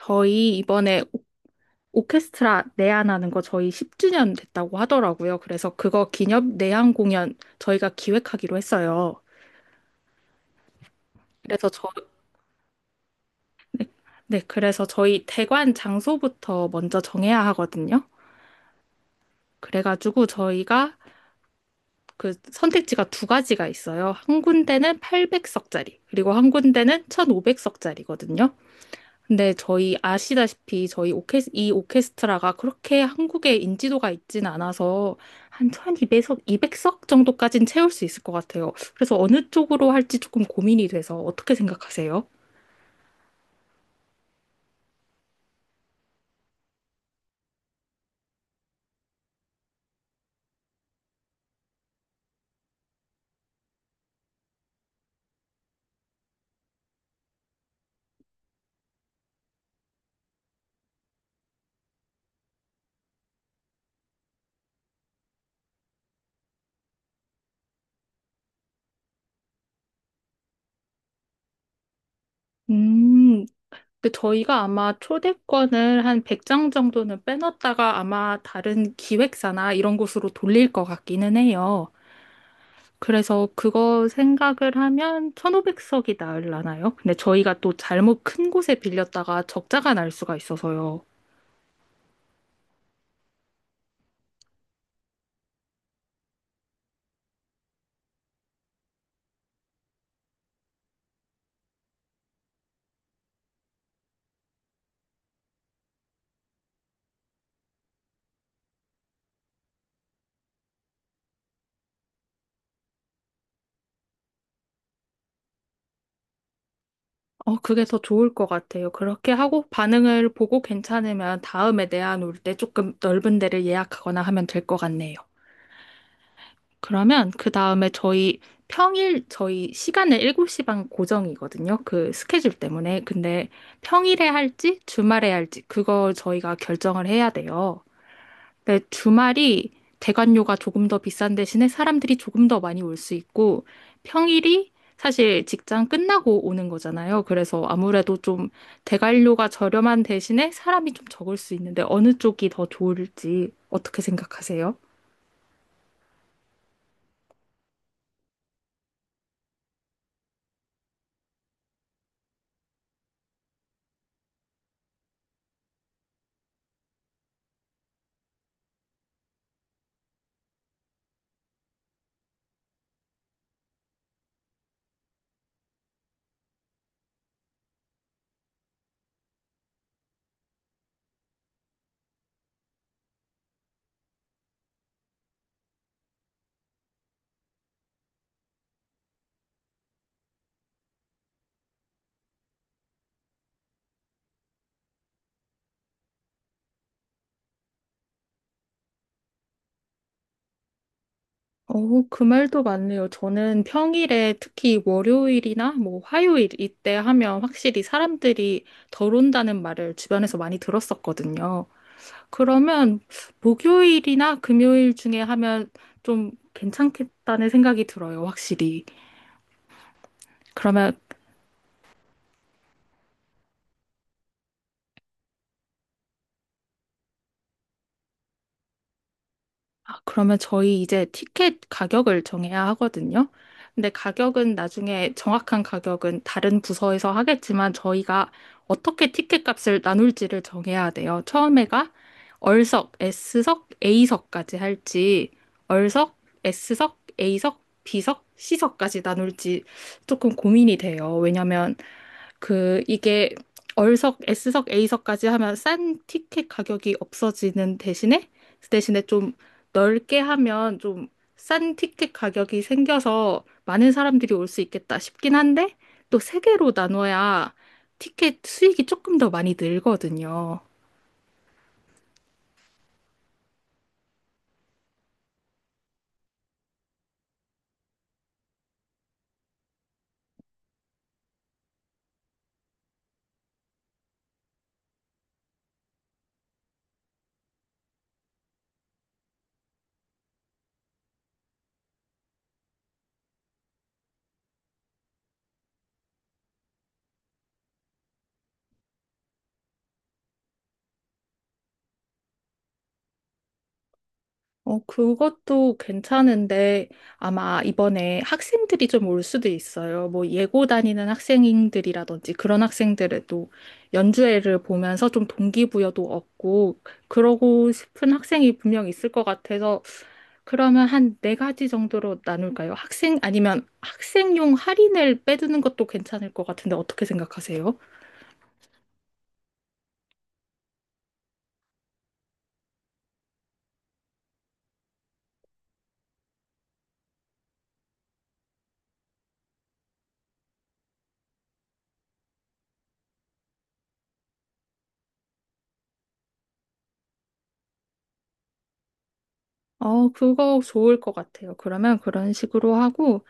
저희 이번에 오케스트라 내한하는 거 저희 10주년 됐다고 하더라고요. 그래서 그거 기념 내한 공연 저희가 기획하기로 했어요. 그래서 네, 그래서 저희 대관 장소부터 먼저 정해야 하거든요. 그래가지고 저희가 그 선택지가 두 가지가 있어요. 한 군데는 800석짜리, 그리고 한 군데는 1500석짜리거든요. 근데 저희 아시다시피 저희 이 오케스트라가 그렇게 한국에 인지도가 있진 않아서 한 1200석, 이백석 정도까진 채울 수 있을 것 같아요. 그래서 어느 쪽으로 할지 조금 고민이 돼서 어떻게 생각하세요? 음, 근데 저희가 아마 초대권을 한 100장 정도는 빼놨다가 아마 다른 기획사나 이런 곳으로 돌릴 것 같기는 해요. 그래서 그거 생각을 하면 1500석이 나으려나요? 근데 저희가 또 잘못 큰 곳에 빌렸다가 적자가 날 수가 있어서요. 어, 그게 더 좋을 것 같아요. 그렇게 하고 반응을 보고 괜찮으면 다음에 내한 올 때 조금 넓은 데를 예약하거나 하면 될 것 같네요. 그러면 그 다음에 저희 평일 저희 시간을 7시 반 고정이거든요. 그 스케줄 때문에. 근데 평일에 할지 주말에 할지 그걸 저희가 결정을 해야 돼요. 네, 주말이 대관료가 조금 더 비싼 대신에 사람들이 조금 더 많이 올 수 있고, 평일이 사실 직장 끝나고 오는 거잖아요. 그래서 아무래도 좀 대관료가 저렴한 대신에 사람이 좀 적을 수 있는데 어느 쪽이 더 좋을지 어떻게 생각하세요? 어, 그 말도 맞네요. 저는 평일에 특히 월요일이나 뭐 화요일 이때 하면 확실히 사람들이 덜 온다는 말을 주변에서 많이 들었었거든요. 그러면 목요일이나 금요일 중에 하면 좀 괜찮겠다는 생각이 들어요, 확실히. 그러면, 아, 그러면 저희 이제 티켓 가격을 정해야 하거든요. 근데 가격은 나중에 정확한 가격은 다른 부서에서 하겠지만 저희가 어떻게 티켓 값을 나눌지를 정해야 돼요. 처음에가 얼석, S석, A석까지 할지, 얼석, S석, A석, B석, C석까지 나눌지 조금 고민이 돼요. 왜냐면 그 이게 얼석, S석, A석까지 하면 싼 티켓 가격이 없어지는 대신에 그 대신에 좀 넓게 하면 좀 싼 티켓 가격이 생겨서 많은 사람들이 올 수 있겠다 싶긴 한데 또 세 개로 나눠야 티켓 수익이 조금 더 많이 늘거든요. 어, 그것도 괜찮은데 아마 이번에 학생들이 좀 올 수도 있어요. 뭐 예고 다니는 학생들이라든지 그런 학생들에도 연주회를 보면서 좀 동기부여도 얻고 그러고 싶은 학생이 분명 있을 것 같아서 그러면 한 네 가지 정도로 나눌까요? 학생 아니면 학생용 할인을 빼두는 것도 괜찮을 것 같은데 어떻게 생각하세요? 어, 그거 좋을 것 같아요. 그러면 그런 식으로 하고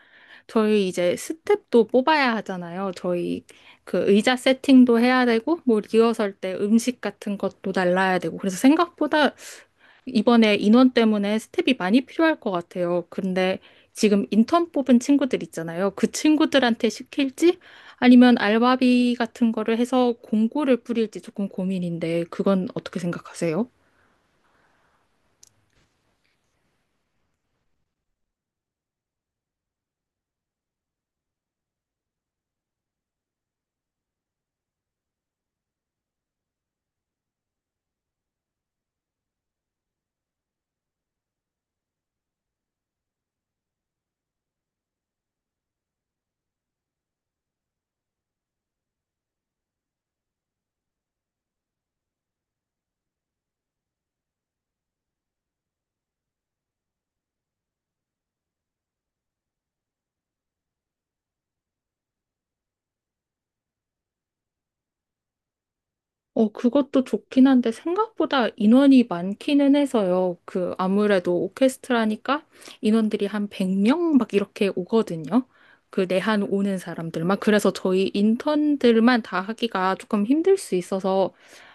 저희 이제 스텝도 뽑아야 하잖아요. 저희 그 의자 세팅도 해야 되고, 뭐 리허설 때 음식 같은 것도 날라야 되고. 그래서 생각보다 이번에 인원 때문에 스텝이 많이 필요할 것 같아요. 근데 지금 인턴 뽑은 친구들 있잖아요. 그 친구들한테 시킬지 아니면 알바비 같은 거를 해서 공고를 뿌릴지 조금 고민인데, 그건 어떻게 생각하세요? 어, 그것도 좋긴 한데 생각보다 인원이 많기는 해서요. 그 아무래도 오케스트라니까 인원들이 한 100명 막 이렇게 오거든요. 그 내한 오는 사람들만. 그래서 저희 인턴들만 다 하기가 조금 힘들 수 있어서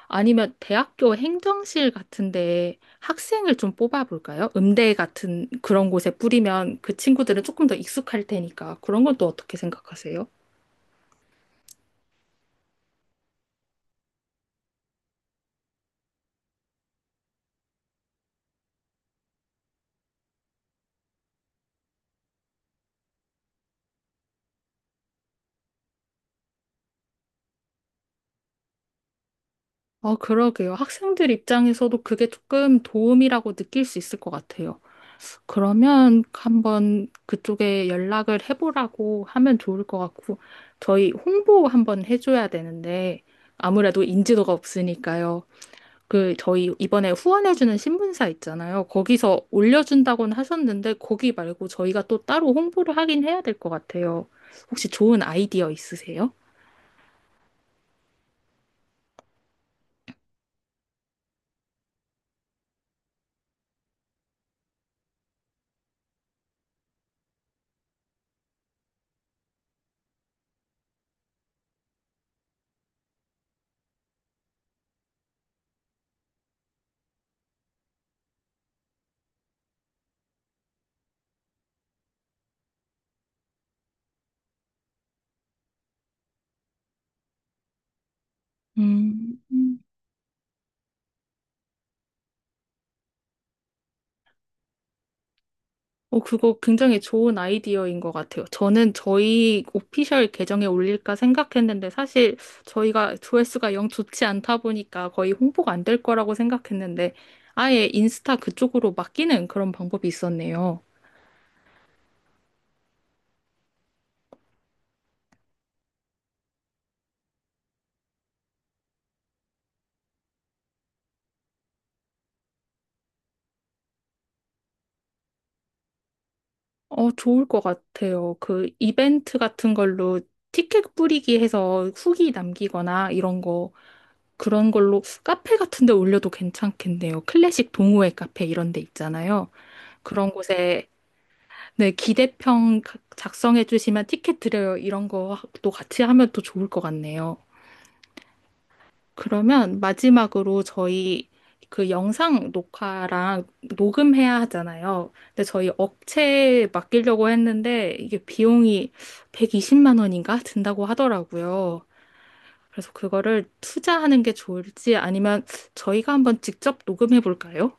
아니면 대학교 행정실 같은데 학생을 좀 뽑아볼까요? 음대 같은 그런 곳에 뿌리면 그 친구들은 조금 더 익숙할 테니까 그런 건 또 어떻게 생각하세요? 어, 그러게요. 학생들 입장에서도 그게 조금 도움이라고 느낄 수 있을 것 같아요. 그러면 한번 그쪽에 연락을 해보라고 하면 좋을 것 같고, 저희 홍보 한번 해줘야 되는데, 아무래도 인지도가 없으니까요. 그, 저희 이번에 후원해주는 신문사 있잖아요. 거기서 올려준다고는 하셨는데, 거기 말고 저희가 또 따로 홍보를 하긴 해야 될 것 같아요. 혹시 좋은 아이디어 있으세요? 음. 어, 그거 굉장히 좋은 아이디어인 것 같아요. 저는 저희 오피셜 계정에 올릴까 생각했는데 사실 저희가 조회수가 영 좋지 않다 보니까 거의 홍보가 안 될 거라고 생각했는데 아예 인스타 그쪽으로 맡기는 그런 방법이 있었네요. 어, 좋을 것 같아요. 그 이벤트 같은 걸로 티켓 뿌리기 해서 후기 남기거나 이런 거 그런 걸로 카페 같은 데 올려도 괜찮겠네요. 클래식 동호회 카페 이런 데 있잖아요. 그런 곳에 네, 기대평 작성해 주시면 티켓 드려요. 이런 거도 같이 하면 또 좋을 것 같네요. 그러면 마지막으로 저희 그 영상 녹화랑 녹음해야 하잖아요. 근데 저희 업체에 맡기려고 했는데 이게 비용이 120만 원인가 든다고 하더라고요. 그래서 그거를 투자하는 게 좋을지 아니면 저희가 한번 직접 녹음해 볼까요?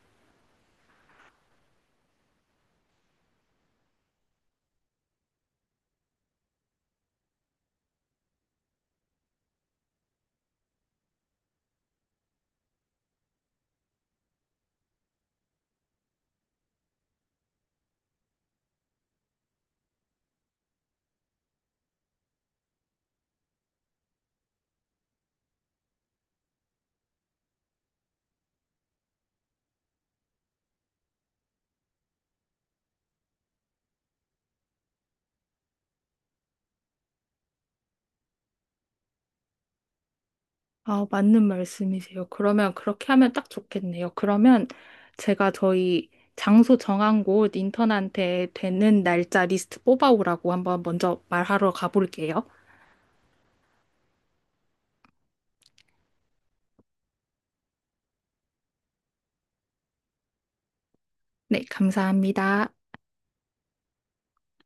아, 맞는 말씀이세요. 그러면 그렇게 하면 딱 좋겠네요. 그러면 제가 저희 장소 정한 곳 인턴한테 되는 날짜 리스트 뽑아오라고 한번 먼저 말하러 가볼게요. 네, 감사합니다.